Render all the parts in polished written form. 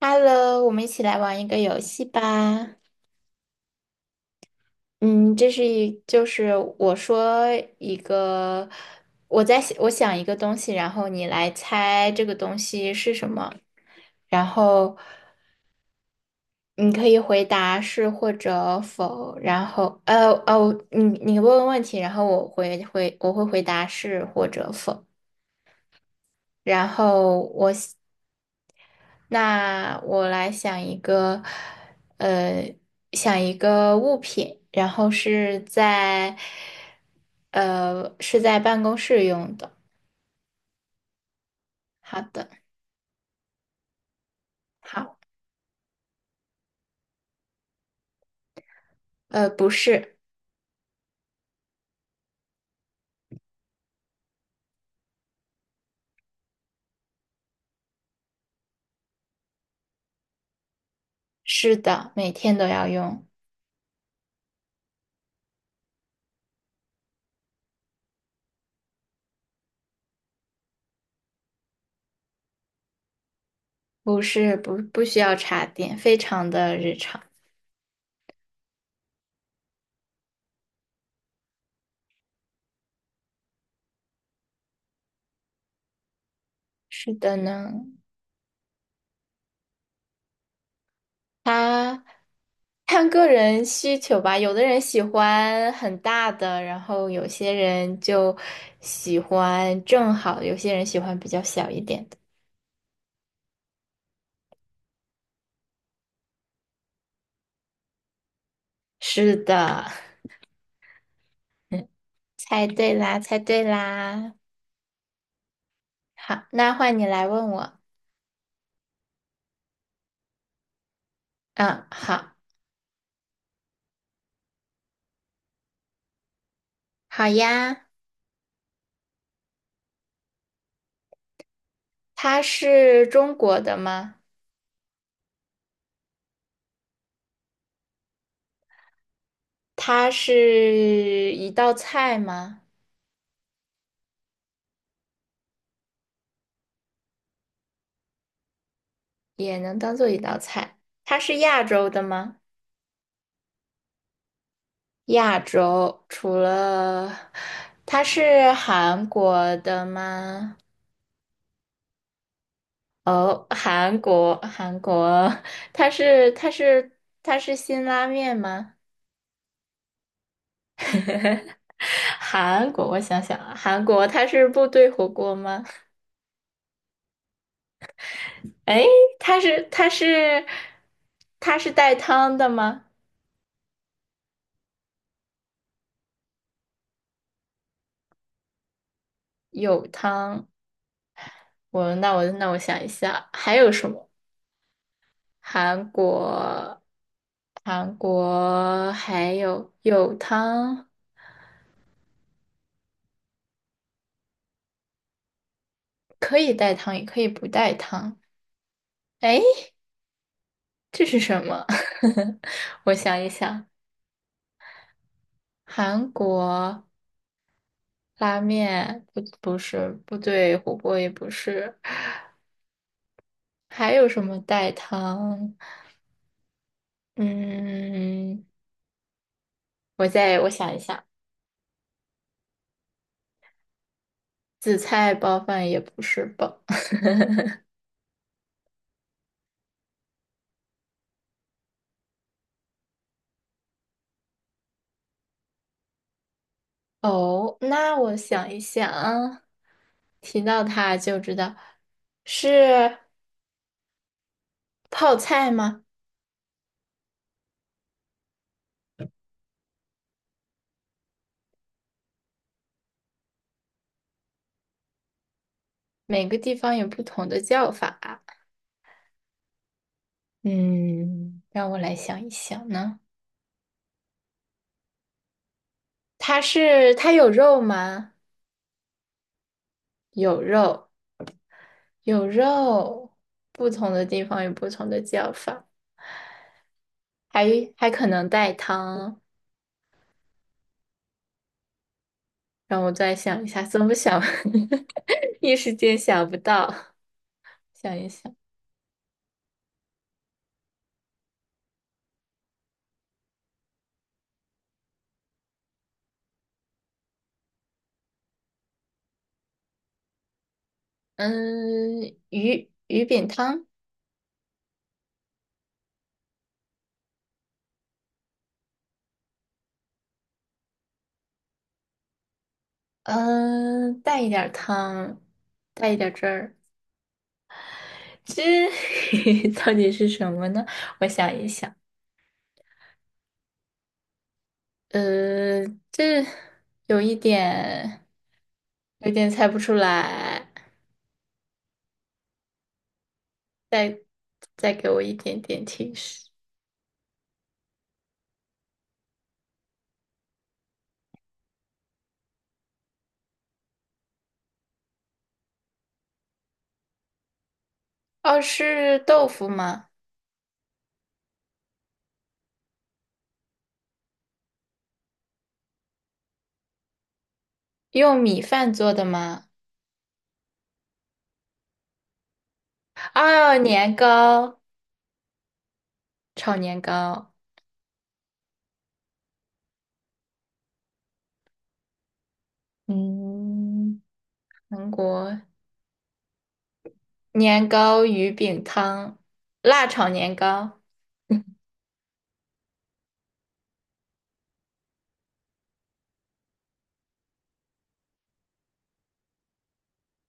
Hello，我们一起来玩一个游戏吧。嗯，这是一，我说一个，我在想我想一个东西，然后你来猜这个东西是什么，然后你可以回答是或者否，然后你问问题，然后我会回答是或者否，然后我来想一个，呃，想一个物品，然后是在，是在办公室用的。好的，好，不是，是的，每天都要用，不是，不，不需要插电，非常的日常。是的呢，他看个人需求吧，有的人喜欢很大的，然后有些人就喜欢正好，有些人喜欢比较小一点的。是的，猜对啦，猜对啦。好，那换你来问我。嗯，好，好呀。它是中国的吗？它是一道菜吗？也能当做一道菜。它是亚洲的吗？亚洲除了它是韩国的吗？哦，韩国，韩国，它是它是它是辛拉面吗？韩国，我想想啊，韩国它是部队火锅吗？哎，它是它是它是带汤的吗？有汤，我想一下，还有什么？韩国，韩国还有汤。可以带汤，也可以不带汤。哎，这是什么？我想一想，韩国拉面不是，不对，火锅也不是，还有什么带汤？嗯，我想一想，紫菜包饭也不是吧？哦，那我想一想啊，提到它就知道是泡菜吗？每个地方有不同的叫法。嗯，让我来想一想呢。它是，它有肉吗？有肉，有肉，不同的地方有不同的叫法，还还可能带汤。让我再想一下，怎么想？一时间想不到，想一想。嗯，鱼鱼饼汤，嗯，带一点儿汤，带一点儿汁儿。这 到底是什么呢？我想一想。呃，这有一点，有点猜不出来，再再给我一点点提示。哦，是豆腐吗？用米饭做的吗？哦，年糕，炒年糕。嗯，韩国年糕鱼饼汤，辣炒年糕。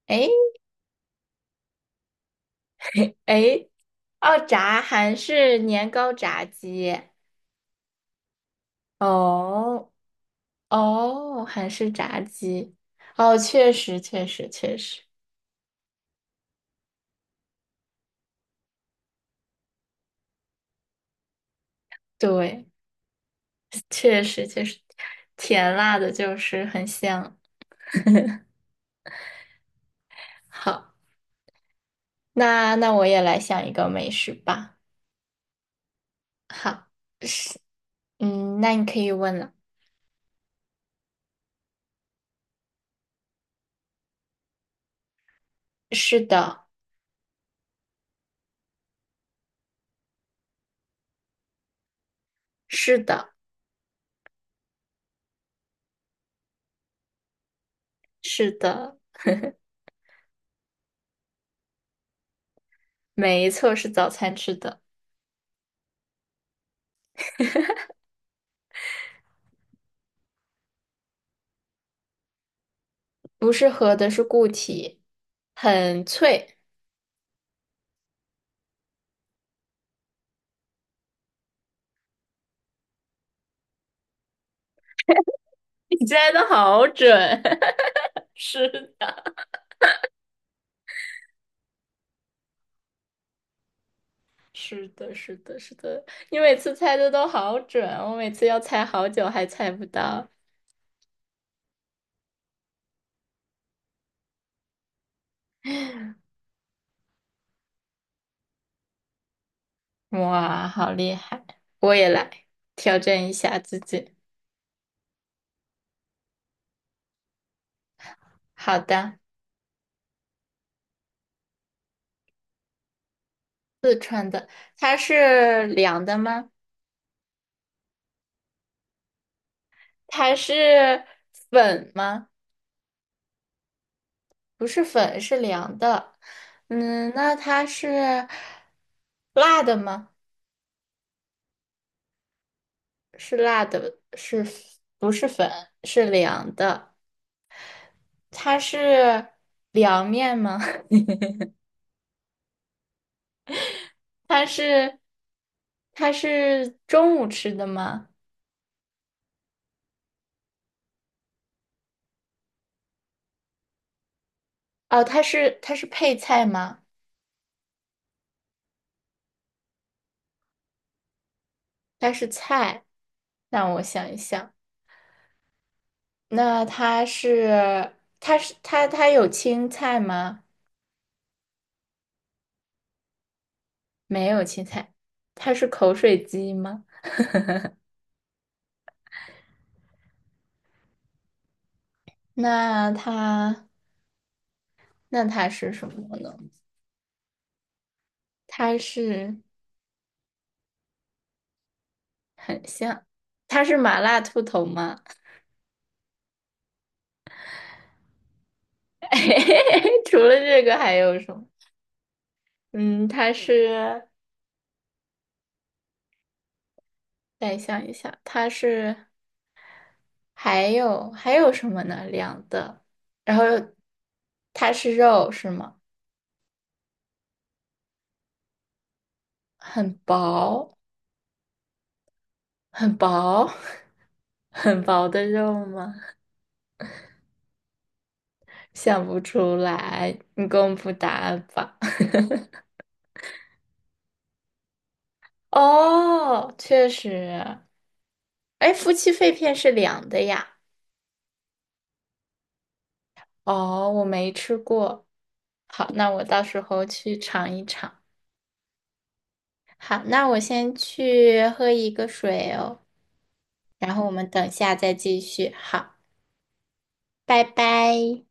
诶诶，哦，炸韩式年糕炸鸡。哦，哦，韩式炸鸡，哦，确实，确实，确实，对，确实，确实，甜辣的就是很香。好，那我也来想一个美食吧。好，是，嗯，那你可以问了。是的，是的，是的，没错，是早餐吃的，不是喝的，是固体，很脆。你猜的好准，是是的，是的，是的，你每次猜的都好准，我每次要猜好久还猜不到。哇，好厉害！我也来挑战一下自己。好的，好的，它是凉的吗？它是粉吗？不是粉，是凉的。嗯，那它是辣的吗？是辣的，是不是粉？是凉的。它是凉面吗？它是它是中午吃的吗？哦，它是配菜吗？它是菜。让我想一想，那它是它有青菜吗？没有青菜，它是口水鸡吗？那它那它是什么呢？它是很像，它是麻辣兔头吗？除了这个还有什么？嗯，它是，再想一想，它是。还有还有什么呢？凉的，然后又它是肉是吗？很薄，很薄，很薄的肉吗？想不出来，你公布答案吧。哦，确实，哎，夫妻肺片是凉的呀。哦，我没吃过。好，那我到时候去尝一尝。好，那我先去喝一个水哦，然后我们等下再继续。好。拜拜。